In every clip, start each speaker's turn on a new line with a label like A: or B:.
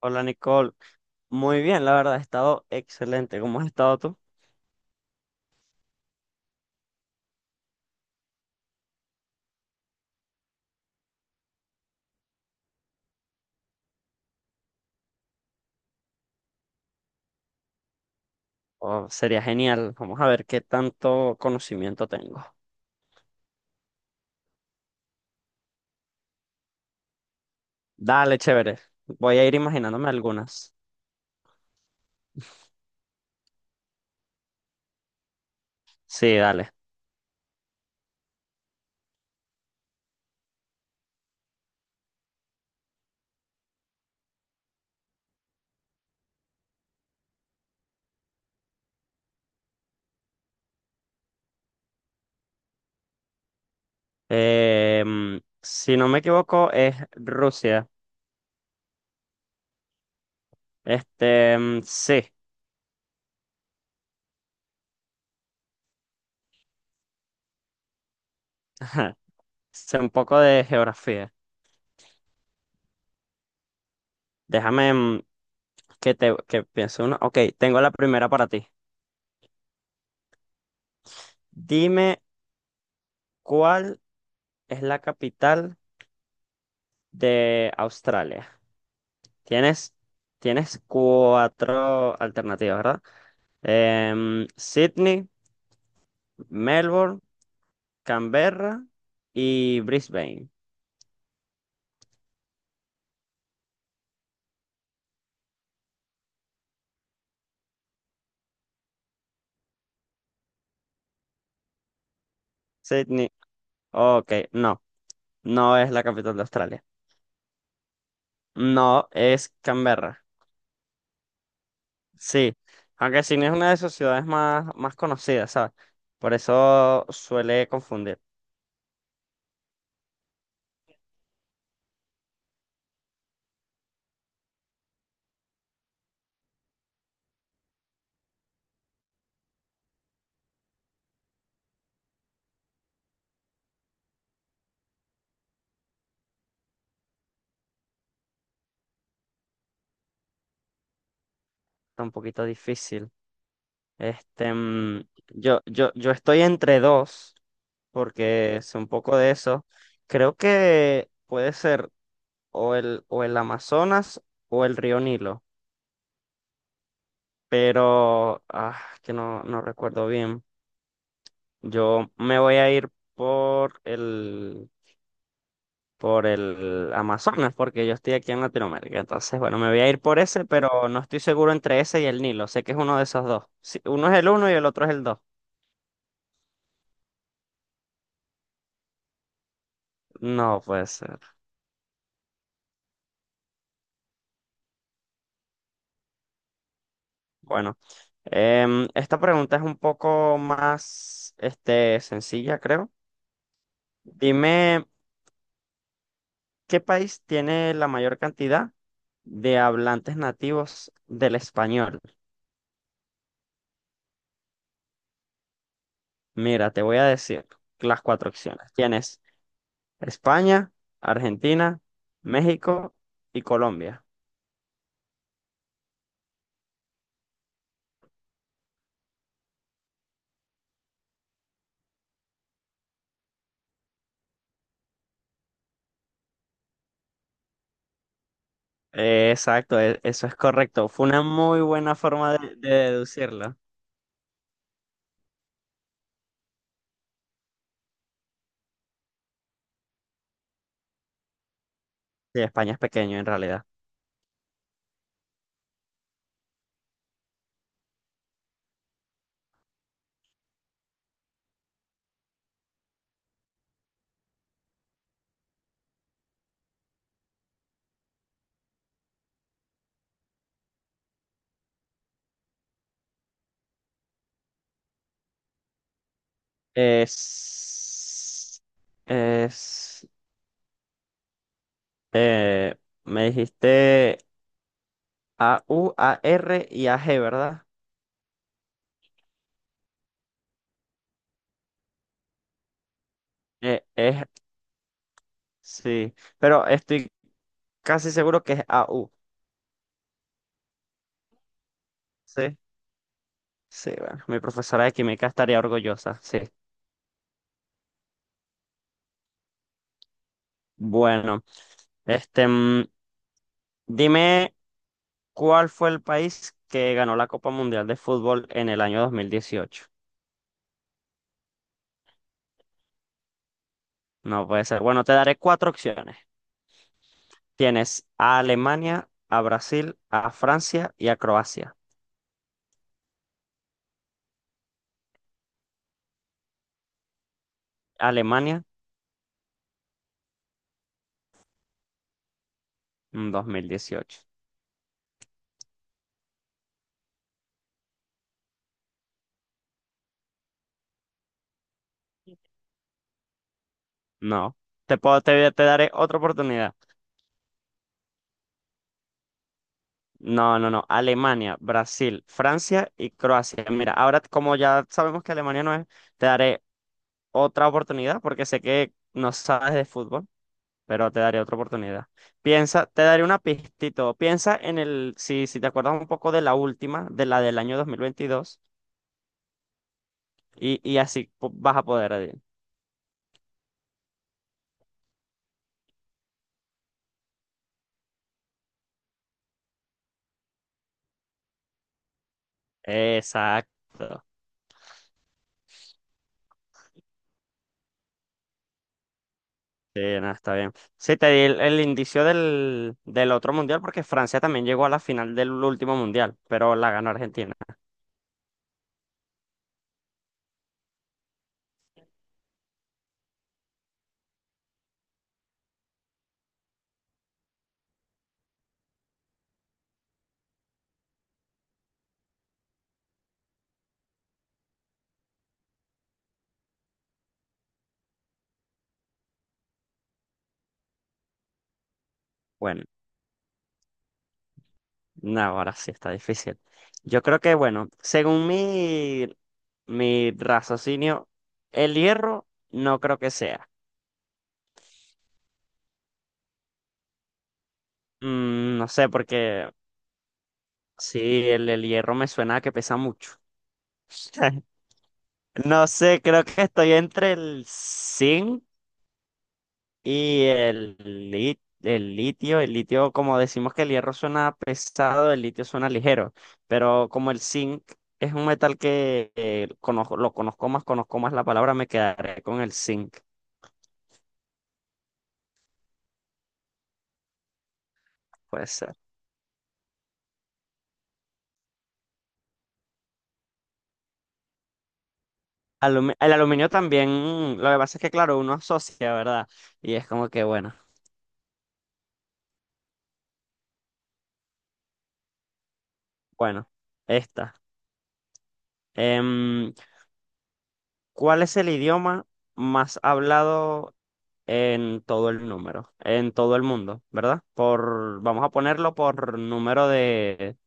A: Hola Nicole, muy bien, la verdad, ha estado excelente. ¿Cómo has estado tú? Oh, sería genial. Vamos a ver qué tanto conocimiento tengo. Dale, chévere. Voy a ir imaginándome algunas. Sí, dale. Si no me equivoco, es Rusia. Sí. Ajá. Sé un poco de geografía. Déjame que piense uno. Ok, tengo la primera para ti. Dime cuál es la capital de Australia. Tienes, tienes cuatro alternativas, ¿verdad? Sydney, Melbourne, Canberra y Brisbane. Sydney, ok, no es la capital de Australia. No es Canberra. Sí, aunque Sydney es una de sus ciudades más conocidas, ¿sabes? Por eso suele confundir. Está un poquito difícil. Yo estoy entre dos, porque es un poco de eso. Creo que puede ser o el Amazonas o el río Nilo, pero que no recuerdo bien. Yo me voy a ir por el Amazonas, porque yo estoy aquí en Latinoamérica. Entonces, bueno, me voy a ir por ese, pero no estoy seguro entre ese y el Nilo. Sé que es uno de esos dos. Sí, uno es el uno y el otro es el dos. No puede ser. Bueno, esta pregunta es un poco más, sencilla, creo. Dime, ¿qué país tiene la mayor cantidad de hablantes nativos del español? Mira, te voy a decir las cuatro opciones. Tienes España, Argentina, México y Colombia. Exacto, e- eso es correcto. Fue una muy buena forma de deducirlo. Sí, España es pequeño en realidad. Es, es Eh, Me dijiste A, U, A, R y A, G, ¿verdad? Eh, es, sí, pero estoy casi seguro que es A, U. Sí, sí, bueno, mi profesora de química estaría orgullosa, sí. Bueno, este, mm, dime cuál fue el país que ganó la Copa Mundial de Fútbol en el año dos mil dieciocho. No puede ser. Bueno, te daré cuatro opciones. Tienes a Alemania, a Brasil, a Francia y a Croacia. Alemania, dos mil dieciocho. No. Te daré otra oportunidad. No. Alemania, Brasil, Francia y Croacia. Mira, ahora como ya sabemos que Alemania no es, te daré otra oportunidad porque sé que no sabes de fútbol, pero te daré otra oportunidad. Piensa, te daré una pistito. Piensa en el, si te acuerdas un poco de la última, de la del año 2022, y así po- vas a poder adivinar. Exacto. Sí, nada, está bien. Sí, te di el indicio del otro mundial porque Francia también llegó a la final del último mundial, pero la ganó Argentina. Bueno, no, ahora sí está difícil. Yo creo que, bueno, según mi raciocinio, el hierro no creo que sea. No sé, porque sí, el hierro me suena a que pesa mucho. No sé, creo que estoy entre el y el litio, como decimos que el hierro suena pesado, el litio suena ligero, pero como el zinc es un metal que conozco, lo conozco más la palabra, me quedaré con el zinc, puede ser. Alumi- el aluminio también, lo que pasa es que, claro, uno asocia, ¿verdad? Y es como que, bueno, bueno, esta. Em, ¿Cuál es el idioma más hablado en todo en todo el mundo, ¿verdad? Por, vamos a ponerlo por número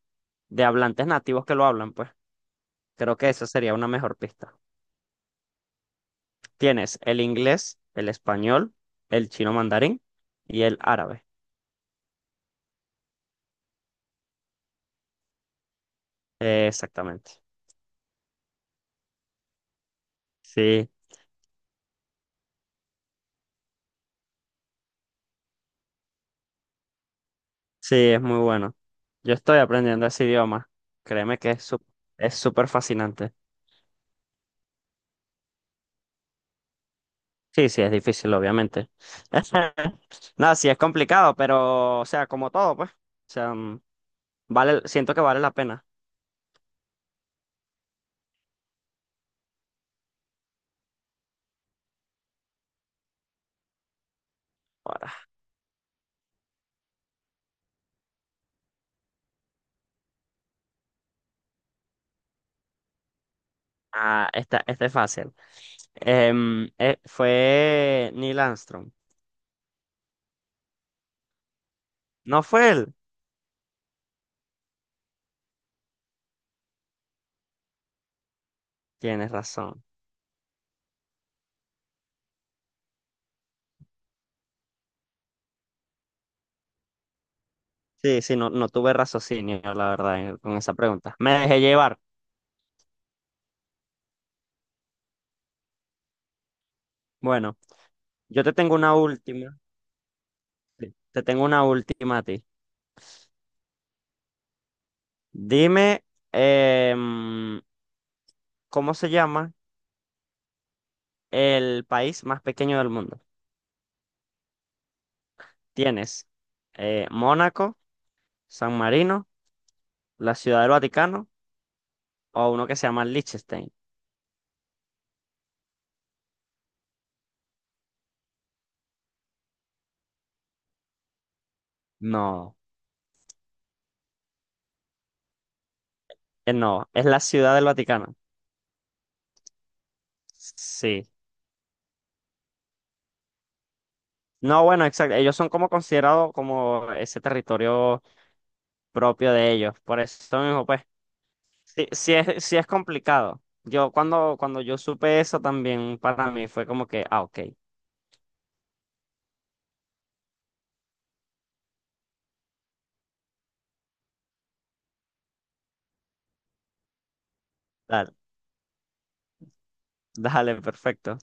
A: de hablantes nativos que lo hablan, pues. Creo que esa sería una mejor pista. Tienes el inglés, el español, el chino mandarín y el árabe. Exactamente. Sí, sí, es muy bueno. Yo estoy aprendiendo ese idioma. Créeme que es súper fascinante. Sí, sí, es difícil, obviamente. Nada, sí, es complicado, pero, o sea, como todo, pues. O sea, vale, siento que vale la pena. Ahora, esta, esta es fácil. Fue Neil Armstrong. No fue él. Tienes razón. Sí, sí, no, no tuve raciocinio, la verdad, en- con esa pregunta. Me dejé llevar. Bueno, yo te tengo una última. Te tengo una última a ti. Dime, em, ¿cómo se llama el país más pequeño del mundo? Tienes Mónaco, San Marino, la Ciudad del Vaticano o uno que se llama Liechtenstein. No, no, es la Ciudad del Vaticano. Sí. No, bueno, exacto. Ellos son como considerados como ese territorio propio de ellos. Por eso mismo, pues, sí, sí es complicado. Yo cuando, cuando yo supe eso también para mí fue como que, ah, ok, dale, dale, perfecto.